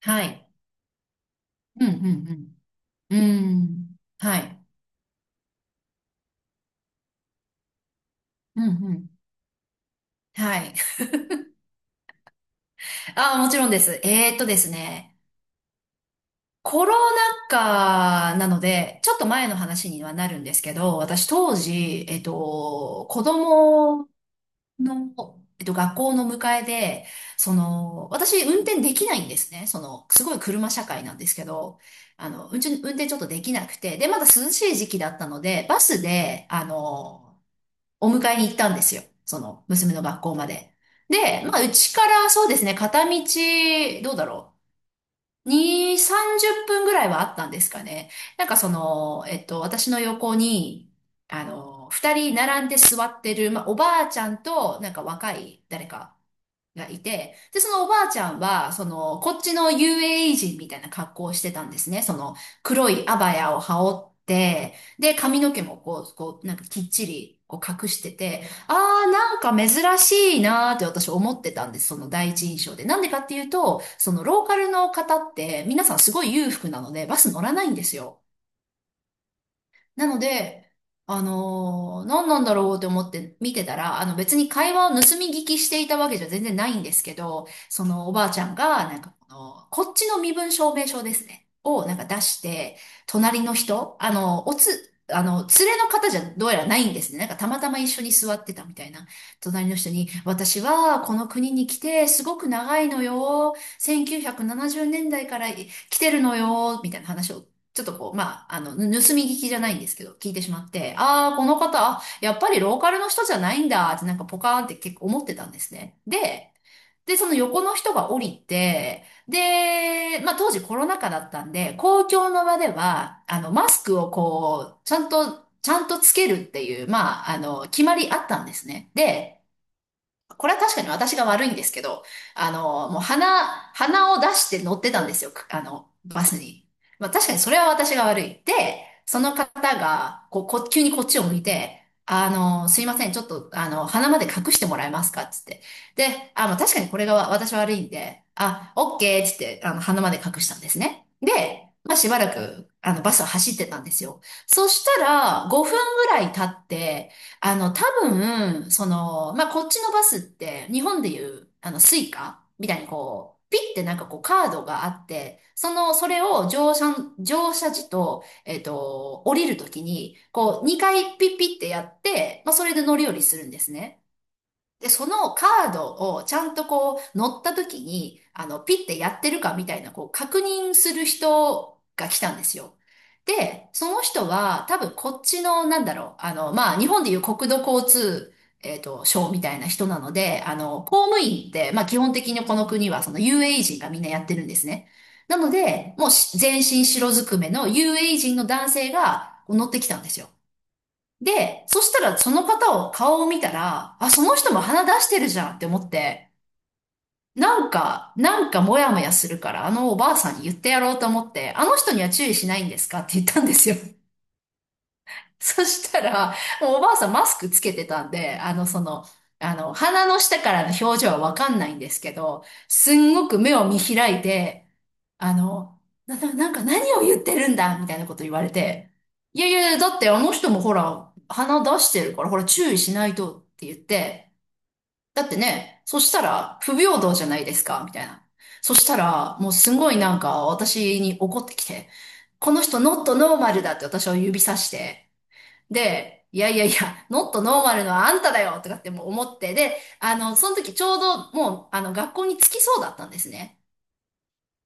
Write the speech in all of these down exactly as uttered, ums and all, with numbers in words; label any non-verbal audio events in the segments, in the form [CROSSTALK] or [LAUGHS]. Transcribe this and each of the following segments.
はい。うん、うん、うん。うん。はい。うん、うん。はい。ああ、もちろんです。えーっとですね。コロナ禍なので、ちょっと前の話にはなるんですけど、私当時、えっと、子供の、えっと、学校の迎えで、その、私運転できないんですね。その、すごい車社会なんですけど、あの、運転、運転ちょっとできなくて、で、まだ涼しい時期だったので、バスで、あの、お迎えに行ったんですよ。その、娘の学校まで。で、まあ、うちからそうですね、片道、どうだろう。に、さんじゅっぷんぐらいはあったんですかね。なんかその、えっと、私の横に、あの、ふたり並んで座ってる、まあ、おばあちゃんと、なんか若い誰かがいて、で、そのおばあちゃんは、その、こっちの ユーエーイー 人みたいな格好をしてたんですね。その、黒いアバヤを羽織って、で、髪の毛もこう、こう、なんかきっちり、こう隠してて、あー、なんか珍しいなーって私思ってたんです。その第一印象で。なんでかっていうと、そのローカルの方って、皆さんすごい裕福なので、バス乗らないんですよ。なので、あのー何なんだろうって思って見てたら、あの別に会話を盗み聞きしていたわけじゃ全然ないんですけど、そのおばあちゃんが、なんかこの、こっちの身分証明書ですね、をなんか出して、隣の人、あの、おつ、あの、連れの方じゃどうやらないんですね。なんかたまたま一緒に座ってたみたいな。隣の人に、私はこの国に来てすごく長いのよ。せんきゅうひゃくななじゅうねんだいから来てるのよ、みたいな話をちょっとこう、まあ、あの、盗み聞きじゃないんですけど、聞いてしまって、ああ、この方、あやっぱりローカルの人じゃないんだってなんかポカーンって結構思ってたんですね。で、で、その横の人が降りて、で、まあ、当時コロナ禍だったんで、公共の場では、あの、マスクをこう、ちゃんと、ちゃんとつけるっていう、まあ、あの、決まりあったんですね。で、これは確かに私が悪いんですけど、あの、もう鼻、鼻を出して乗ってたんですよ、あの、バスに。まあ確かにそれは私が悪い。で、その方が、こう、こ、急にこっちを向いて、あの、すいません、ちょっと、あの、鼻まで隠してもらえますかっつって。で、あ、まあ確かにこれがわ私悪いんで、あ、オッケーっつって、あの、鼻まで隠したんですね。で、まあしばらく、あの、バスは走ってたんですよ。そしたら、ごふんぐらい経って、あの、多分、その、まあ、こっちのバスって、日本でいう、あの、スイカみたいにこう、ピッてなんかこうカードがあって、その、それを乗車、乗車時と、えっと、降りるときに、こう、にかいピッピッてやって、まあ、それで乗り降りするんですね。で、そのカードをちゃんとこう乗った時に、あの、ピッてやってるかみたいな、こう確認する人が来たんですよ。で、その人は多分こっちの、なんだろう、あの、まあ、日本でいう国土交通、えっと、省みたいな人なので、あの、公務員って、まあ、基本的にこの国はその ユーエーイー 人がみんなやってるんですね。なので、もうし全身白ずくめの ユーエー人の男性がこう乗ってきたんですよ。で、そしたらその方を顔を見たら、あ、その人も鼻出してるじゃんって思って、なんか、なんかモヤモヤするから、あのおばあさんに言ってやろうと思って、あの人には注意しないんですかって言ったんですよ。[LAUGHS] そしたら、もうおばあさんマスクつけてたんで、あの、その、あの、鼻の下からの表情はわかんないんですけど、すんごく目を見開いて、あの、な、ななんか何を言ってるんだみたいなこと言われて、いやいや、だってあの人もほら、鼻出してるから、ほら注意しないとって言って、だってね、そしたら不平等じゃないですかみたいな。そしたら、もうすごいなんか私に怒ってきて、この人ノットノーマルだって私を指さして、で、いやいやいや、ノットノーマルのはあんただよとかってもう思って、で、あの、その時ちょうどもう、あの、学校に着きそうだったんですね。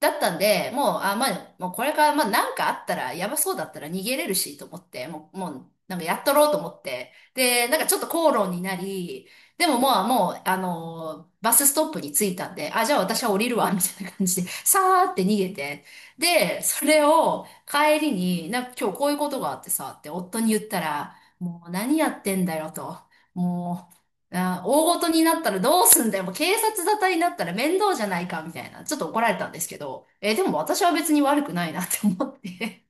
だったんで、もう、あ、まあ、もうこれから、まあ、なんかあったら、やばそうだったら逃げれるし、と思って、もう、もう、なんかやっとろうと思って。で、なんかちょっと口論になり、でもまあ、もう、あのーバスストップに着いたんで、あ、じゃあ私は降りるわ、みたいな感じで、さーって逃げて。で、それを帰りに、なんか今日こういうことがあってさ、って夫に言ったら、もう何やってんだよ、と。もあー、大事になったらどうすんだよ。もう警察沙汰になったら面倒じゃないか、みたいな。ちょっと怒られたんですけど、えーでも私は別に悪くないなって思って。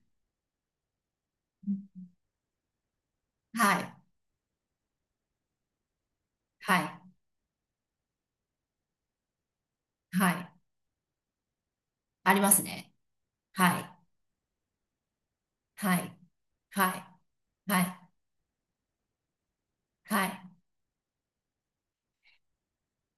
[LAUGHS] はい。はい。はい。ありますね。はい。はい。はい。はい。はい。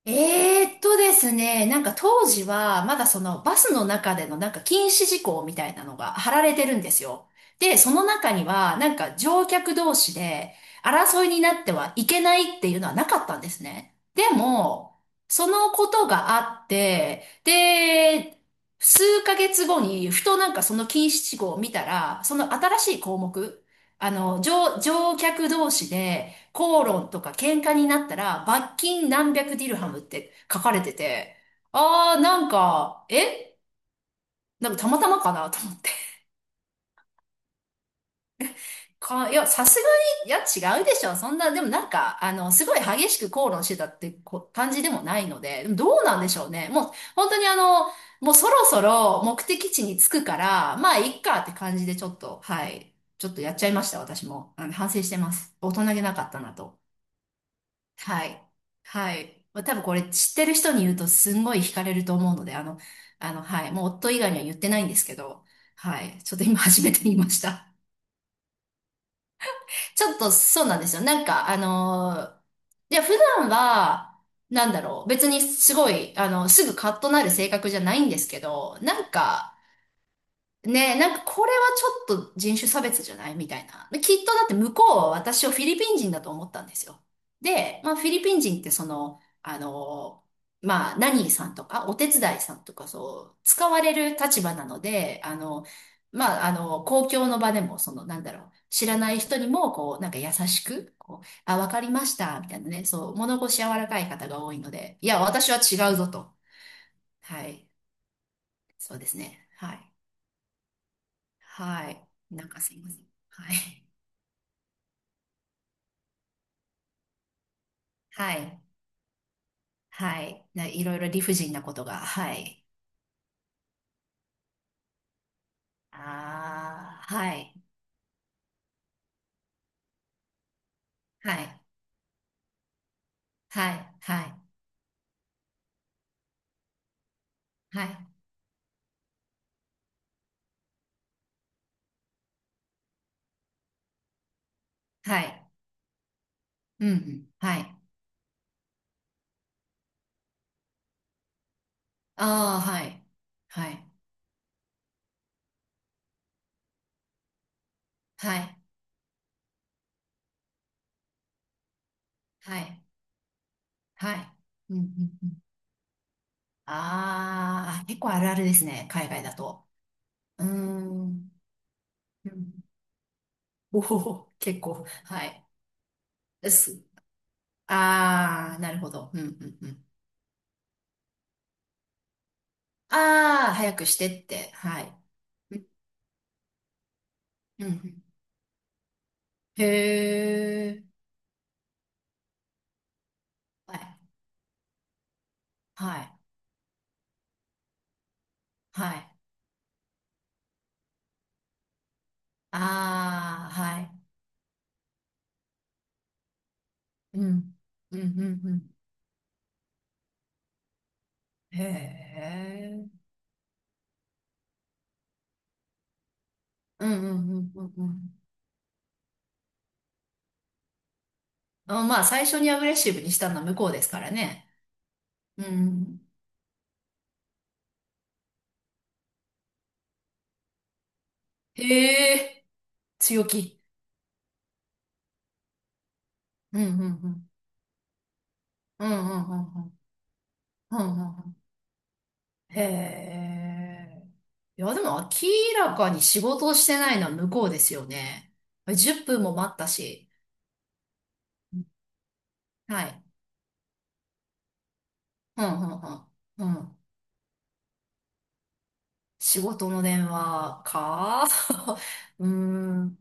えーっとですね、なんか当時は、まだそのバスの中でのなんか禁止事項みたいなのが貼られてるんですよ。で、その中には、なんか乗客同士で争いになってはいけないっていうのはなかったんですね。でも、そのことがあって、で、数ヶ月後に、ふとなんかその禁止事項を見たら、その新しい項目、あの、乗、乗客同士で、口論とか喧嘩になったら、罰金何百ディルハムって書かれてて、あー、なんか、えなんかたまたまかなと思って。か、いや、さすがに、いや、違うでしょ。そんな、でもなんか、あの、すごい激しく口論してたってこ感じでもないので、でもどうなんでしょうね。もう、本当にあの、もうそろそろ目的地に着くから、まあ、いっかって感じでちょっと、はい。ちょっとやっちゃいました、私も。あの反省してます。大人げなかったなと。はい。はい。まあ、多分これ知ってる人に言うとすんごい惹かれると思うので、あの、あの、はい。もう夫以外には言ってないんですけど、はい。ちょっと今初めて言いました。[LAUGHS] ちょっとそうなんですよ。なんか、あのー、いや、普段は、なんだろう。別にすごい、あの、すぐカッとなる性格じゃないんですけど、なんか、ねえ、なんかこれはちょっと人種差別じゃないみたいな。で、きっとだって向こうは私をフィリピン人だと思ったんですよ。で、まあフィリピン人ってその、あの、まあナニーさんとかお手伝いさんとかそう、使われる立場なので、あの、まああの、公共の場でもその、なんだろう、知らない人にもこう、なんか優しく、こう、あ、わかりました、みたいなね、そう、物腰柔らかい方が多いので、いや、私は違うぞと。はい、そうですね。はい。はい。なんかすいません。はい。[LAUGHS] はい。はい。な、いろいろ理不尽なことが。はい。ああ、はい。はい。はい。はい。はい。はい。うん。うん、はい。ああ、はい。はい。はい。はい。はい。うん。うん。うん、ああ、結構あるあるですね。海外だと。うーん。うん、おお、[LAUGHS] 結構。はい。です。ああ、なるほど。うん。うん。うん。ああ、早くしてって。はい。うん、うん、へえ。はい。はい。はい。ああ、はい。うん。うん、うん、うん。へえ。うん、うん、うん、うん。うん、あ、まあ、最初にアグレッシブにしたのは向こうですからね。うん。へえ。強気。うん、うん、うん。うん、うん、うん、うん。うん、うん、うん、へえ。いや、でも明らかに仕事をしてないのは向こうですよね。じゅっぷんも待ったし。はい。うん、うん、うん。うん。仕事の電話か。 [LAUGHS] うーん。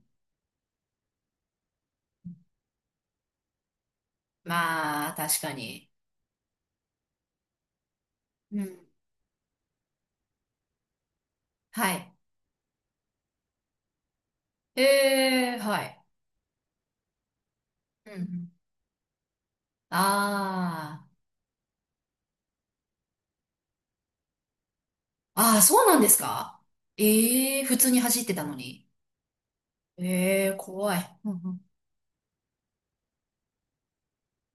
まあ、確かに。うん。はい。ええ、はい。うん、うん。ああ。ああ、そうなんですか。ええ、普通に走ってたのに。ええ、怖い。うん、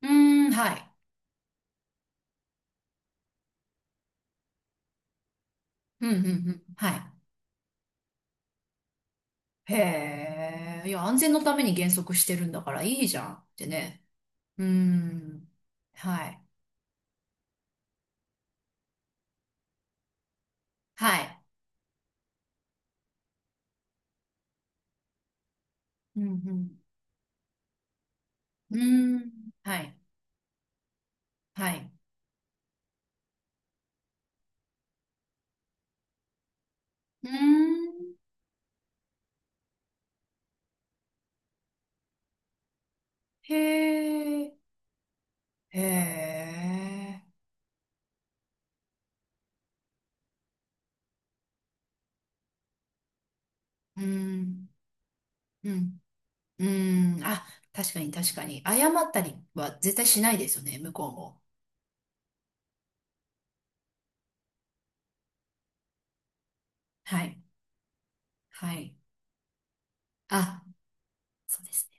うん。うーん、はい。うん、うん、うん。はい。へえ。いや、安全のために減速してるんだからいいじゃんってね。うーん。はい。はい。うん、うん。うーん。はい。はい。うーん。へえ、へえ、うん、うん、うん、あ、確かに確かに。謝ったりは絶対しないですよね、向こうも。はい、はい。あ、そうです。